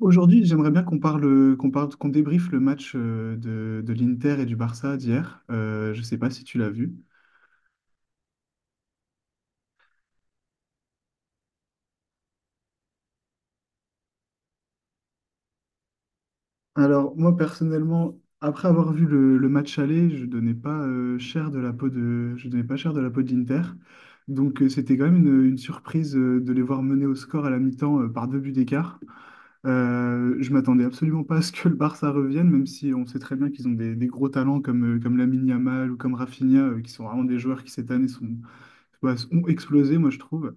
Aujourd'hui, j'aimerais bien qu'on parle, qu'on débriefe le match de l'Inter et du Barça d'hier. Je ne sais pas si tu l'as vu. Alors, moi, personnellement, après avoir vu le match aller, je donnais pas cher de la peau de, je donnais pas cher de la peau de l'Inter. Donc, c'était quand même une surprise de les voir mener au score à la mi-temps par deux buts d'écart. Je m'attendais absolument pas à ce que le Barça revienne, même si on sait très bien qu'ils ont des gros talents comme Lamine Yamal ou comme Rafinha, qui sont vraiment des joueurs qui cette année ont explosé, moi, je trouve.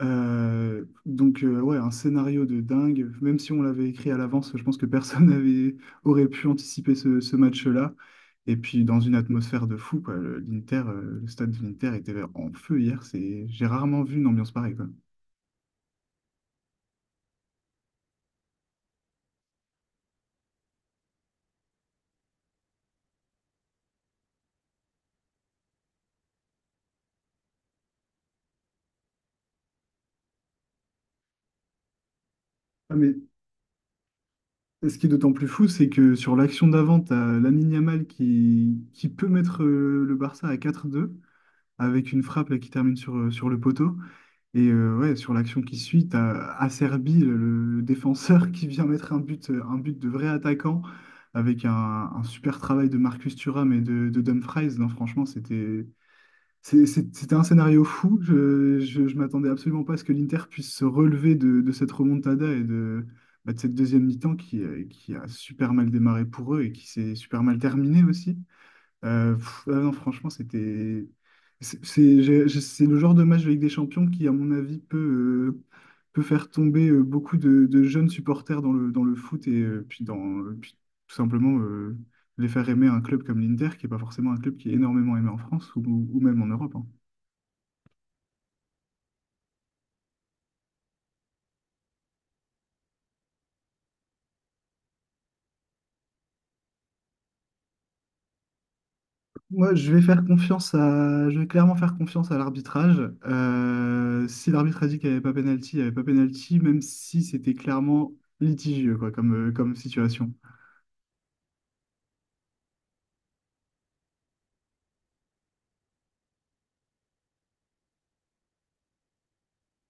Donc, ouais, un scénario de dingue. Même si on l'avait écrit à l'avance, je pense que personne n'avait aurait pu anticiper ce match-là. Et puis, dans une atmosphère de fou, quoi. Le stade de l'Inter était en feu hier. J'ai rarement vu une ambiance pareille, quoi. Ah, mais ce qui est d'autant plus fou, c'est que sur l'action d'avant, tu as Lamine Yamal qui peut mettre le Barça à 4-2 avec une frappe là, qui termine sur le poteau. Et ouais, sur l'action qui suit, t'as Acerbi, le défenseur, qui vient mettre un but de vrai attaquant avec un super travail de Marcus Thuram et de Dumfries. Non, franchement, c'était un scénario fou. Je m'attendais absolument pas à ce que l'Inter puisse se relever de cette remontada et de cette deuxième mi-temps qui a super mal démarré pour eux et qui s'est super mal terminée aussi. Ah non, franchement, c'était. C'est le genre de match de Ligue des Champions qui, à mon avis, euh, peut faire tomber beaucoup de jeunes supporters dans le foot et puis, tout simplement les faire aimer un club comme l'Inter, qui n'est pas forcément un club qui est énormément aimé en France ou même en Europe, hein. Moi, je vais clairement faire confiance à l'arbitrage. Si l'arbitre a dit qu'il n'y avait pas pénalty, il n'y avait pas pénalty, même si c'était clairement litigieux quoi, comme situation.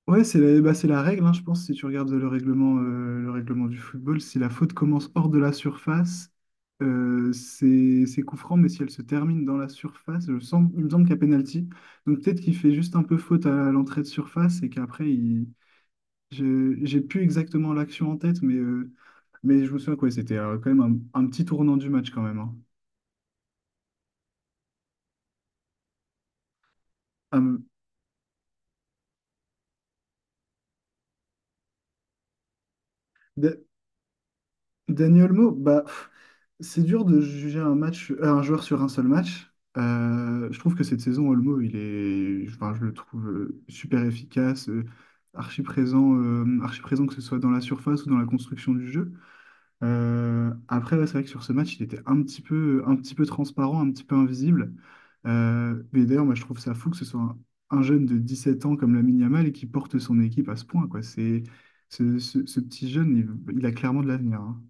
Ouais, c'est la règle, hein, je pense, si tu regardes le règlement du football, si la faute commence hors de la surface, c'est coup franc, mais si elle se termine dans la surface, il me semble qu'il y a pénalty. Donc peut-être qu'il fait juste un peu faute à l'entrée de surface et qu'après, il. J'ai plus exactement l'action en tête, mais je me souviens quoi, c'était quand même un petit tournant du match quand même, hein. Ah, mais Da- Dani Olmo, bah, c'est dur de juger un joueur sur un seul match. Je trouve que cette saison, Olmo, enfin, je le trouve super efficace, archi présent que ce soit dans la surface ou dans la construction du jeu. Après, ouais, c'est vrai que sur ce match, il était un petit peu transparent, un petit peu invisible. Mais d'ailleurs, moi, je trouve ça fou que ce soit un jeune de 17 ans comme Lamine Yamal et qui porte son équipe à ce point, quoi. Ce petit jeune, il a clairement de l'avenir, hein.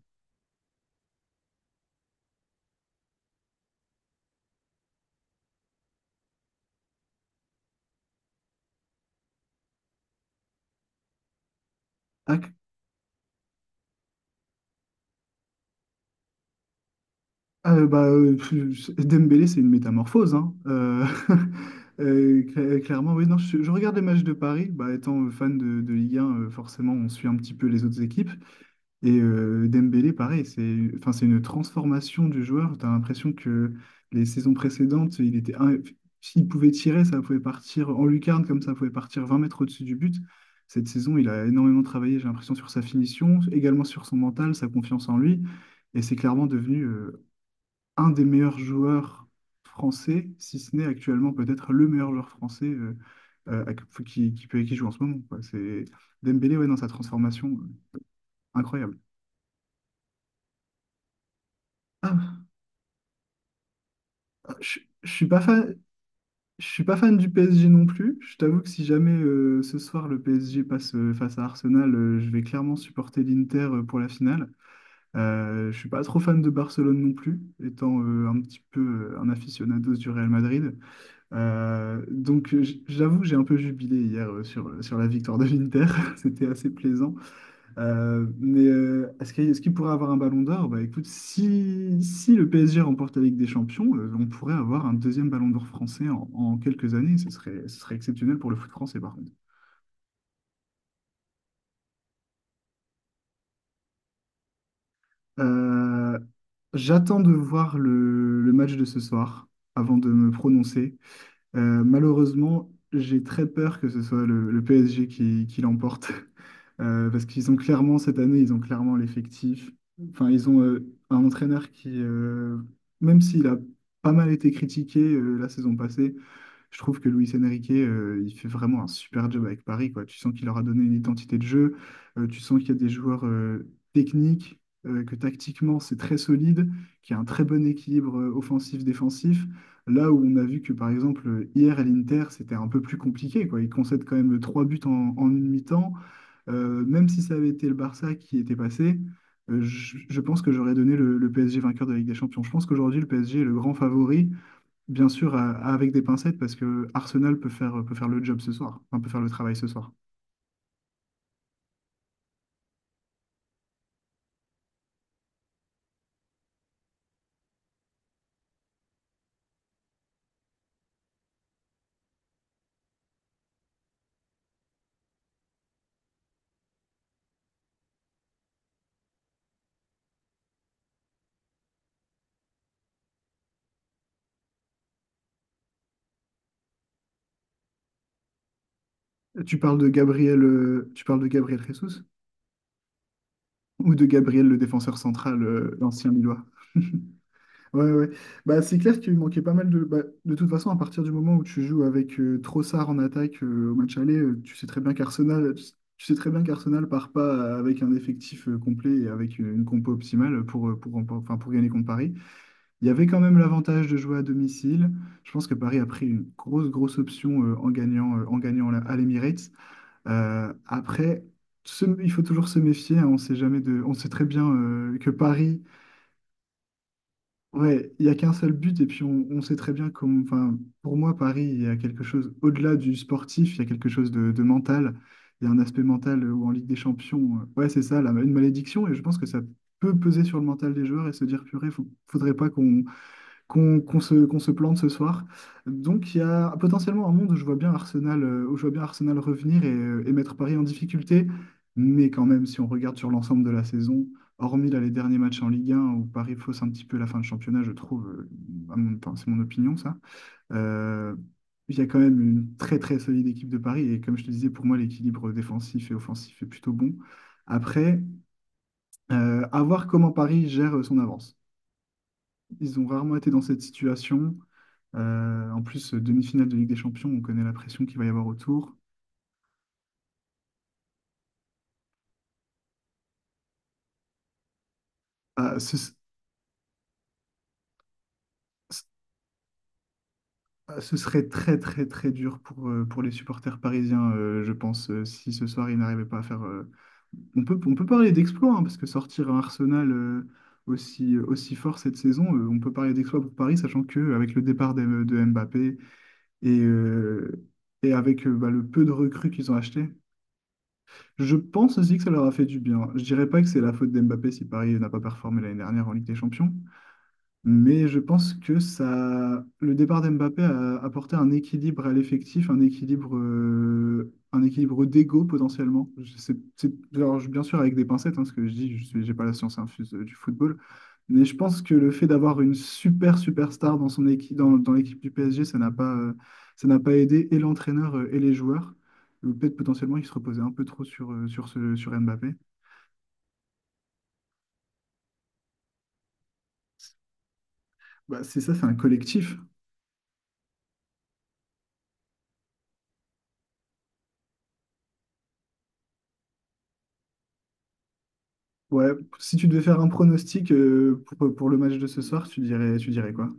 Bah, Dembélé, c'est une métamorphose, hein. Clairement, oui. Non, je regarde les matchs de Paris. Bah, étant fan de Ligue 1, forcément, on suit un petit peu les autres équipes. Et Dembélé, pareil, enfin, c'est une transformation du joueur. Tu as l'impression que les saisons précédentes, s'il pouvait tirer, ça pouvait partir en lucarne, comme ça pouvait partir 20 mètres au-dessus du but. Cette saison, il a énormément travaillé, j'ai l'impression, sur sa finition, également sur son mental, sa confiance en lui. Et c'est clairement devenu un des meilleurs joueurs français, si ce n'est actuellement peut-être le meilleur joueur français euh, à- qui joue en ce moment, quoi. C'est Dembélé, ouais, dans sa transformation, incroyable. Ah, je suis pas fan, je suis pas fan du PSG non plus. Je t'avoue que si jamais ce soir le PSG passe face à Arsenal, je vais clairement supporter l'Inter pour la finale. Je suis pas trop fan de Barcelone non plus, étant un petit peu un aficionados du Real Madrid. Donc, j'avoue que j'ai un peu jubilé hier sur la victoire de l'Inter, c'était assez plaisant. Mais est-ce qu'il pourrait avoir un ballon d'or? Bah écoute, si le PSG remporte la Ligue des Champions, on pourrait avoir un deuxième ballon d'or français en quelques années, ce serait exceptionnel pour le foot français par contre. Euh, j'attends de voir le match de ce soir avant de me prononcer. Malheureusement, j'ai très peur que ce soit le PSG qui l'emporte. Parce qu'ils ont clairement, cette année, ils ont clairement l'effectif. Enfin, ils ont un entraîneur qui, même s'il a pas mal été critiqué la saison passée, je trouve que Luis Enrique, il fait vraiment un super job avec Paris, quoi. Tu sens qu'il leur a donné une identité de jeu, tu sens qu'il y a des joueurs techniques, que tactiquement c'est très solide, qu'il y a un très bon équilibre offensif-défensif. Là où on a vu que par exemple hier à l'Inter, c'était un peu plus compliqué, quoi. Ils concèdent quand même trois buts en une mi-temps. Même si ça avait été le Barça qui était passé, je pense que j'aurais donné le PSG vainqueur de la Ligue des Champions. Je pense qu'aujourd'hui, le PSG est le grand favori. Bien sûr, avec des pincettes, parce que Arsenal peut faire, le job ce soir, enfin, peut faire le travail ce soir. Tu parles de Gabriel, tu parles de Gabriel Jesus ou de Gabriel, le défenseur central, l'ancien Lillois. Ouais, ouais. Bah, c'est clair qu'il manquait pas mal de. Bah, de toute façon, à partir du moment où tu joues avec Trossard en attaque au match aller, tu sais très bien qu'Arsenal part pas avec un effectif complet et avec une compo optimale pour gagner contre Paris. Il y avait quand même l'avantage de jouer à domicile. Je pense que Paris a pris une grosse, grosse option en gagnant à l'Emirates. Après, il faut toujours se méfier, hein. on sait jamais de, on sait très bien que Paris, ouais, il n'y a qu'un seul but. Et puis, on sait très bien enfin, pour moi, Paris, il y a quelque chose au-delà du sportif. Il y a quelque chose de mental. Il y a un aspect mental où en Ligue des Champions, ouais, c'est ça, une malédiction. Et je pense que ça peut peser sur le mental des joueurs et se dire, purée, faudrait pas qu'on se plante ce soir. Donc il y a potentiellement un monde où je vois bien Arsenal revenir et mettre Paris en difficulté. Mais quand même, si on regarde sur l'ensemble de la saison, hormis là, les derniers matchs en Ligue 1 où Paris fausse un petit peu la fin de championnat, je trouve, enfin, c'est mon opinion ça, euh, il y a quand même une très très solide équipe de Paris. Et comme je te disais, pour moi, l'équilibre défensif et offensif est plutôt bon. Après, à voir comment Paris gère son avance. Ils ont rarement été dans cette situation. En plus, demi-finale de Ligue des Champions, on connaît la pression qu'il va y avoir autour. Ah, ce, ce- ce serait très, très, très dur pour les supporters parisiens, je pense, si ce soir ils n'arrivaient pas à faire. On peut parler d'exploit, hein, parce que sortir un Arsenal aussi fort cette saison, on peut parler d'exploit pour Paris, sachant qu'avec le départ de Mbappé et, euh, et avec bah, le peu de recrues qu'ils ont achetées. Je pense aussi que ça leur a fait du bien. Je dirais pas que c'est la faute d'Mbappé si Paris n'a pas performé l'année dernière en Ligue des Champions, mais je pense que ça, le départ d'Mbappé a apporté un équilibre à l'effectif, un équilibre d'ego potentiellement. Alors, bien sûr avec des pincettes, hein, ce que je dis, j'ai pas la science infuse du football, mais je pense que le fait d'avoir une super superstar dans son équipe, dans l'équipe du PSG, ça n'a pas aidé et l'entraîneur et les joueurs. Ou peut-être potentiellement ils se reposaient un peu trop sur, sur ce, sur Mbappé. Bah, c'est ça, c'est un collectif. Ouais, si tu devais faire un pronostic pour le match de ce soir, tu dirais quoi?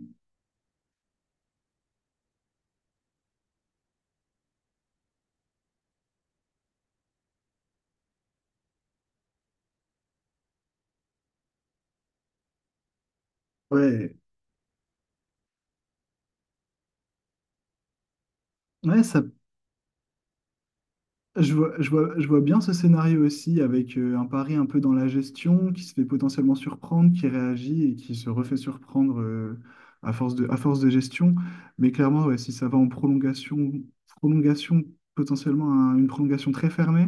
Ouais, ouais, ça, je vois, je vois bien ce scénario aussi avec un pari un peu dans la gestion qui se fait potentiellement surprendre, qui réagit et qui se refait surprendre à force de gestion. Mais clairement, ouais, si ça va en prolongation, prolongation potentiellement une prolongation très fermée,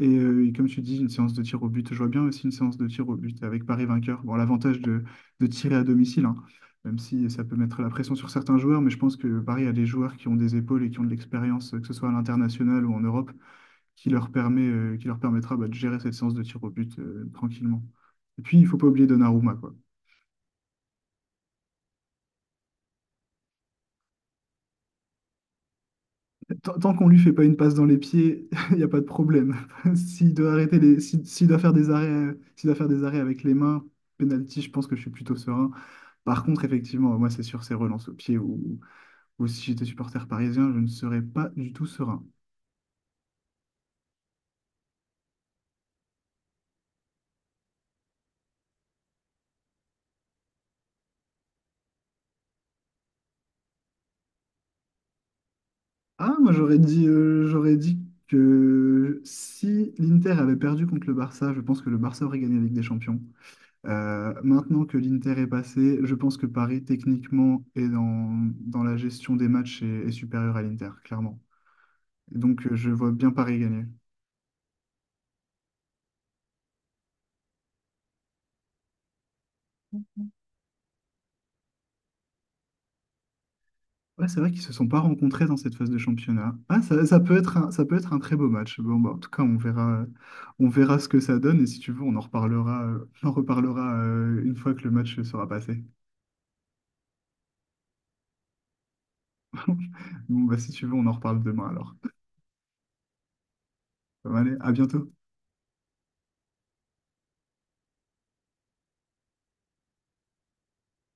et, et comme tu dis, une séance de tir au but, je vois bien aussi une séance de tir au but avec Paris vainqueur. Bon, l'avantage de tirer à domicile, hein, même si ça peut mettre la pression sur certains joueurs, mais je pense que Paris a des joueurs qui ont des épaules et qui ont de l'expérience, que ce soit à l'international ou en Europe, qui leur permet, qui leur permettra bah, de gérer cette séance de tir au but tranquillement. Et puis, il ne faut pas oublier Donnarumma, quoi. Tant, tant qu'on lui fait pas une passe dans les pieds, il n'y a pas de problème. S'il doit arrêter les, s'il doit faire des arrêts, s'il doit faire des arrêts avec les mains, penalty, je pense que je suis plutôt serein. Par contre, effectivement, moi, c'est sûr, ces relances au pied ou si j'étais supporter parisien, je ne serais pas du tout serein. Ah, moi, j'aurais dit que si l'Inter avait perdu contre le Barça, je pense que le Barça aurait gagné la Ligue des Champions. Maintenant que l'Inter est passé, je pense que Paris, techniquement, et dans, dans la gestion des matchs, est, est supérieur à l'Inter, clairement. Donc, je vois bien Paris gagner. Ouais, c'est vrai qu'ils se sont pas rencontrés dans cette phase de championnat. Ah, ça peut être un, ça peut être un très beau match. Bon, bah, en tout cas, on verra ce que ça donne et si tu veux, on en reparlera une fois que le match sera passé. Bon, bah, si tu veux, on en reparle demain alors. Bon, allez, à bientôt.